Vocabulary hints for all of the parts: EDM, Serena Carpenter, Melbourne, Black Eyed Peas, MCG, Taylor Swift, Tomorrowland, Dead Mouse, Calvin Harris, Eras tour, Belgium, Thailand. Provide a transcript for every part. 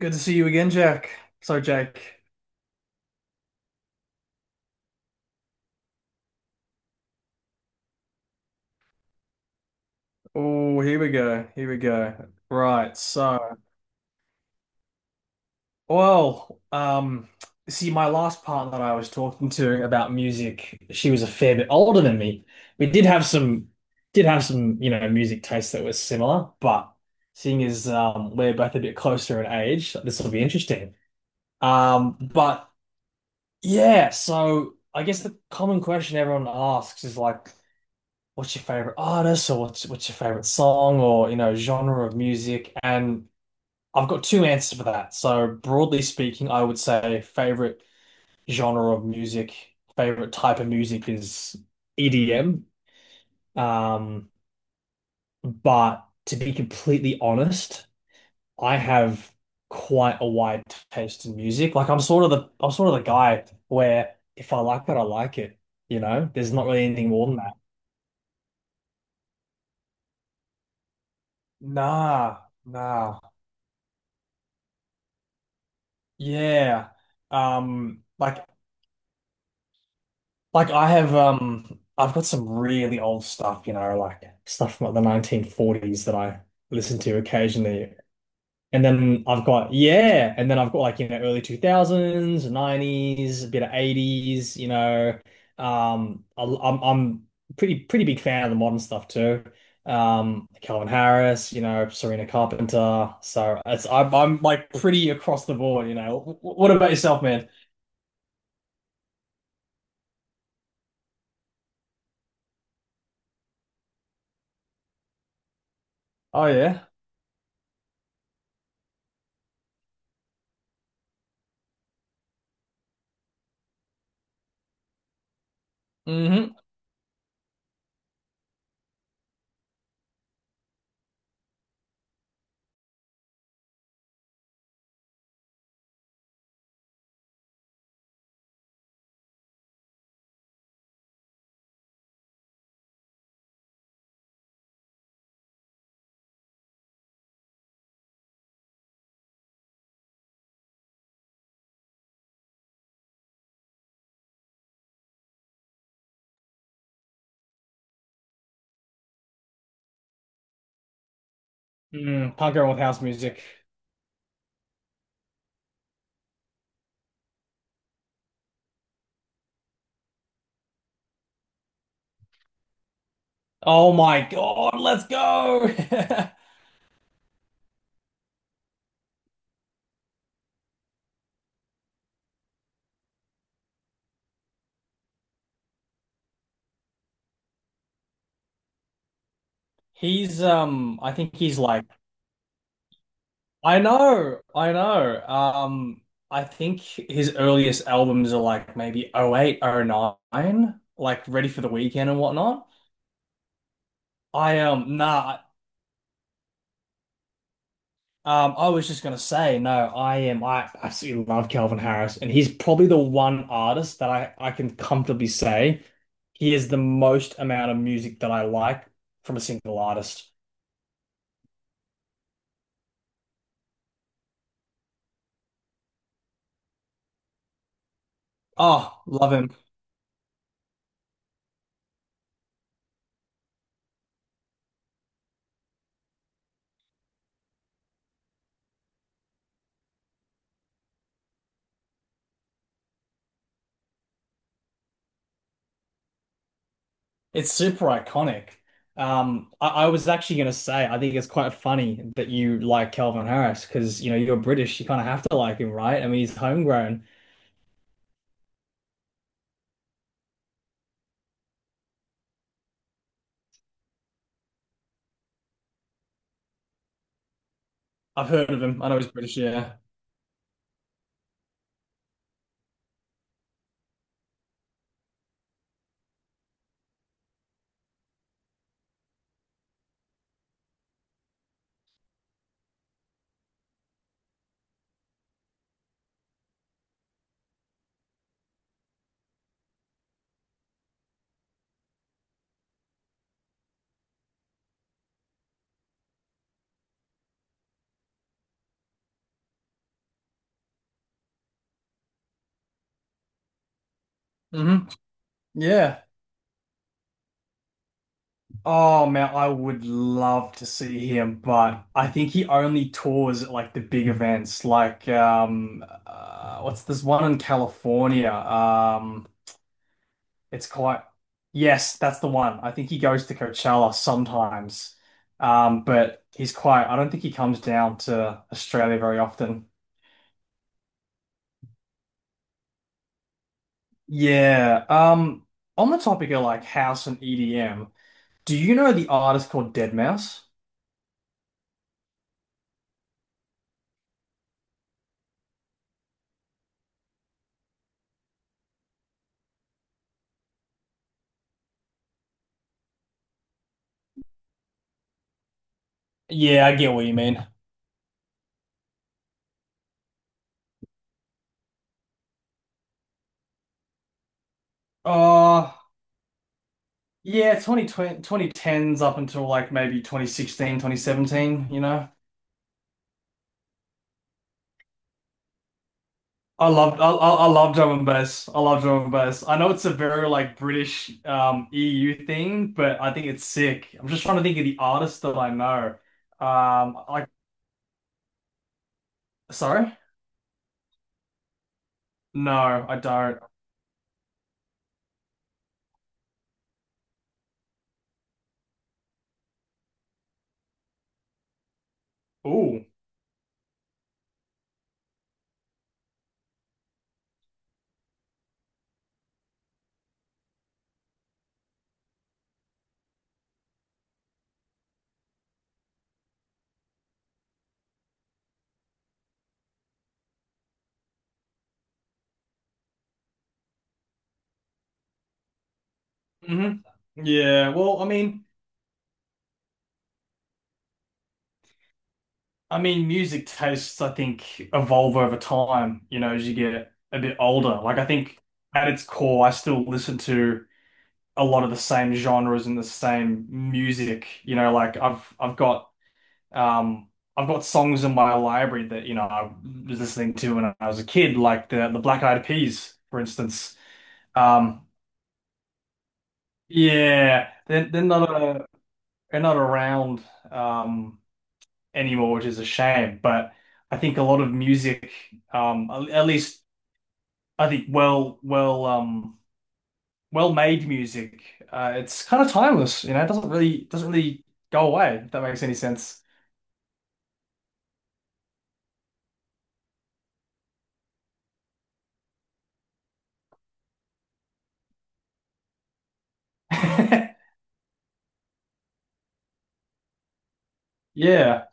Good to see you again, Jack. So, Jack, oh, here we go. Here we go. Right. So, well, um, see, my last partner that I was talking to about music, she was a fair bit older than me. We did have some, did have some music tastes that were similar, but seeing as we're both a bit closer in age, this will be interesting. But yeah, so I guess the common question everyone asks is like, what's your favorite artist or what's your favorite song or genre of music, and I've got two answers for that. So broadly speaking, I would say favorite genre of music, favorite type of music is EDM. Um, but to be completely honest, I have quite a wide taste in music. Like I'm sort of the guy where if I like it, I like it. You know, there's not really anything more than that. Nah, nah. Yeah. Like like I have I've got some really old stuff like stuff from like the 1940s that I listen to occasionally. And then I've got like, you know, early 2000s, 90s, a bit of 80s, you know. I'm pretty big fan of the modern stuff too. Um, Calvin Harris, you know, Serena Carpenter. So it's I'm like pretty across the board, you know. What about yourself, man? Oh yeah. Hmm. Mm, punk rock with house music. Oh my God, let's go. He's I think he's like I know, I know. Um, I think his earliest albums are like maybe oh eight, oh nine, like Ready for the Weekend and whatnot. I nah. I was just gonna say, no, I am. I absolutely love Calvin Harris, and he's probably the one artist that I can comfortably say he is the most amount of music that I like from a single artist. Oh, love him! It's super iconic. I was actually gonna say, I think it's quite funny that you like Calvin Harris because you know you're British, you kind of have to like him, right? I mean, he's homegrown. I've heard of him. I know he's British. Yeah. Hmm. Yeah. Oh man, I would love to see him, but I think he only tours at like the big events, like what's this one in California? It's quite Yes, that's the one. I think he goes to Coachella sometimes, but he's quite. I don't think he comes down to Australia very often. Yeah. On the topic of like house and EDM, do you know the artist called Dead Mouse? Yeah, I get what you mean. Yeah, 2020, up until like maybe 2016, 2017. You know. I loved I love drum and bass. I love drum and bass. I know it's a very like British EU thing, but I think it's sick. I'm just trying to think of the artists that I know. Um, like sorry? No, I don't. Ooh. Hmm. Yeah, well, I mean music tastes I think evolve over time, you know, as you get a bit older. Like I think at its core, I still listen to a lot of the same genres and the same music. You know, like um I've got songs in my library that, you know, I was listening to when I was a kid, like the Black Eyed Peas, for instance. Um yeah, they're not around um anymore, which is a shame. But I think a lot of music, at least I think well-made music. It's kind of timeless, you know. It doesn't really go away, if that makes any sense. Yeah.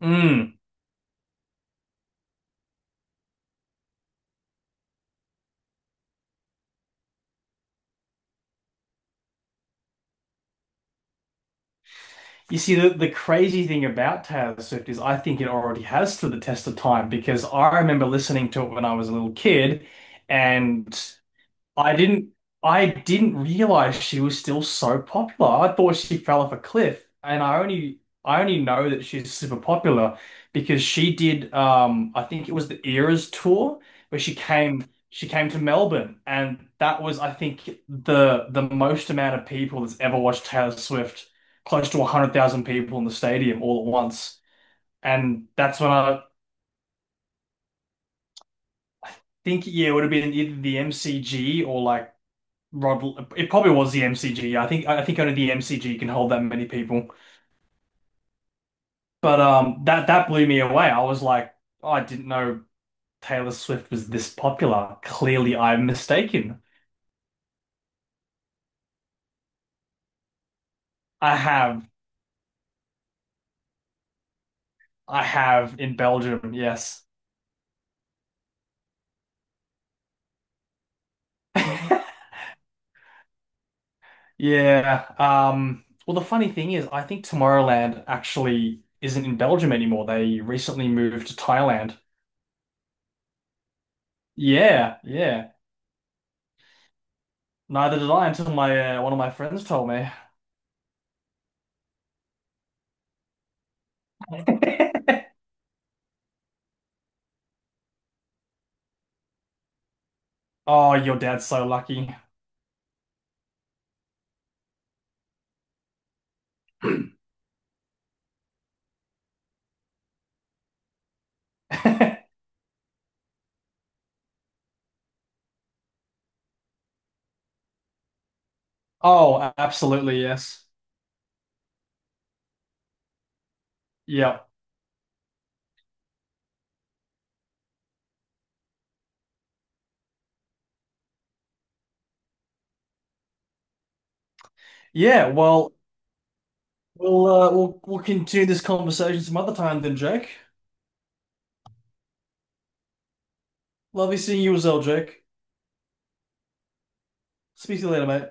Mm. You see, the crazy thing about Taylor Swift is I think it already has stood the test of time because I remember listening to it when I was a little kid, and I didn't I didn't realize she was still so popular. I thought she fell off a cliff, and I only know that she's super popular because she did I think it was the Eras tour where she came to Melbourne, and that was I think the most amount of people that's ever watched Taylor Swift, close to 100,000 people in the stadium all at once. And that's when I think yeah, it would have been either the MCG or like Rod, it probably was the MCG. I think only the MCG can hold that many people. But that blew me away. I was like, oh, I didn't know Taylor Swift was this popular. Clearly, I'm mistaken. I have I have in Belgium, yes. Yeah. Well, the funny thing is, I think Tomorrowland actually isn't in Belgium anymore. They recently moved to Thailand. Yeah, yeah. Neither did I until my one of my friends told me. Oh, your dad's so lucky. Oh, absolutely, yes. Yeah. Yeah, well, we'll we'll continue this conversation some other time then, Jake. Lovely seeing you as well, Jake. Speak to you later, mate.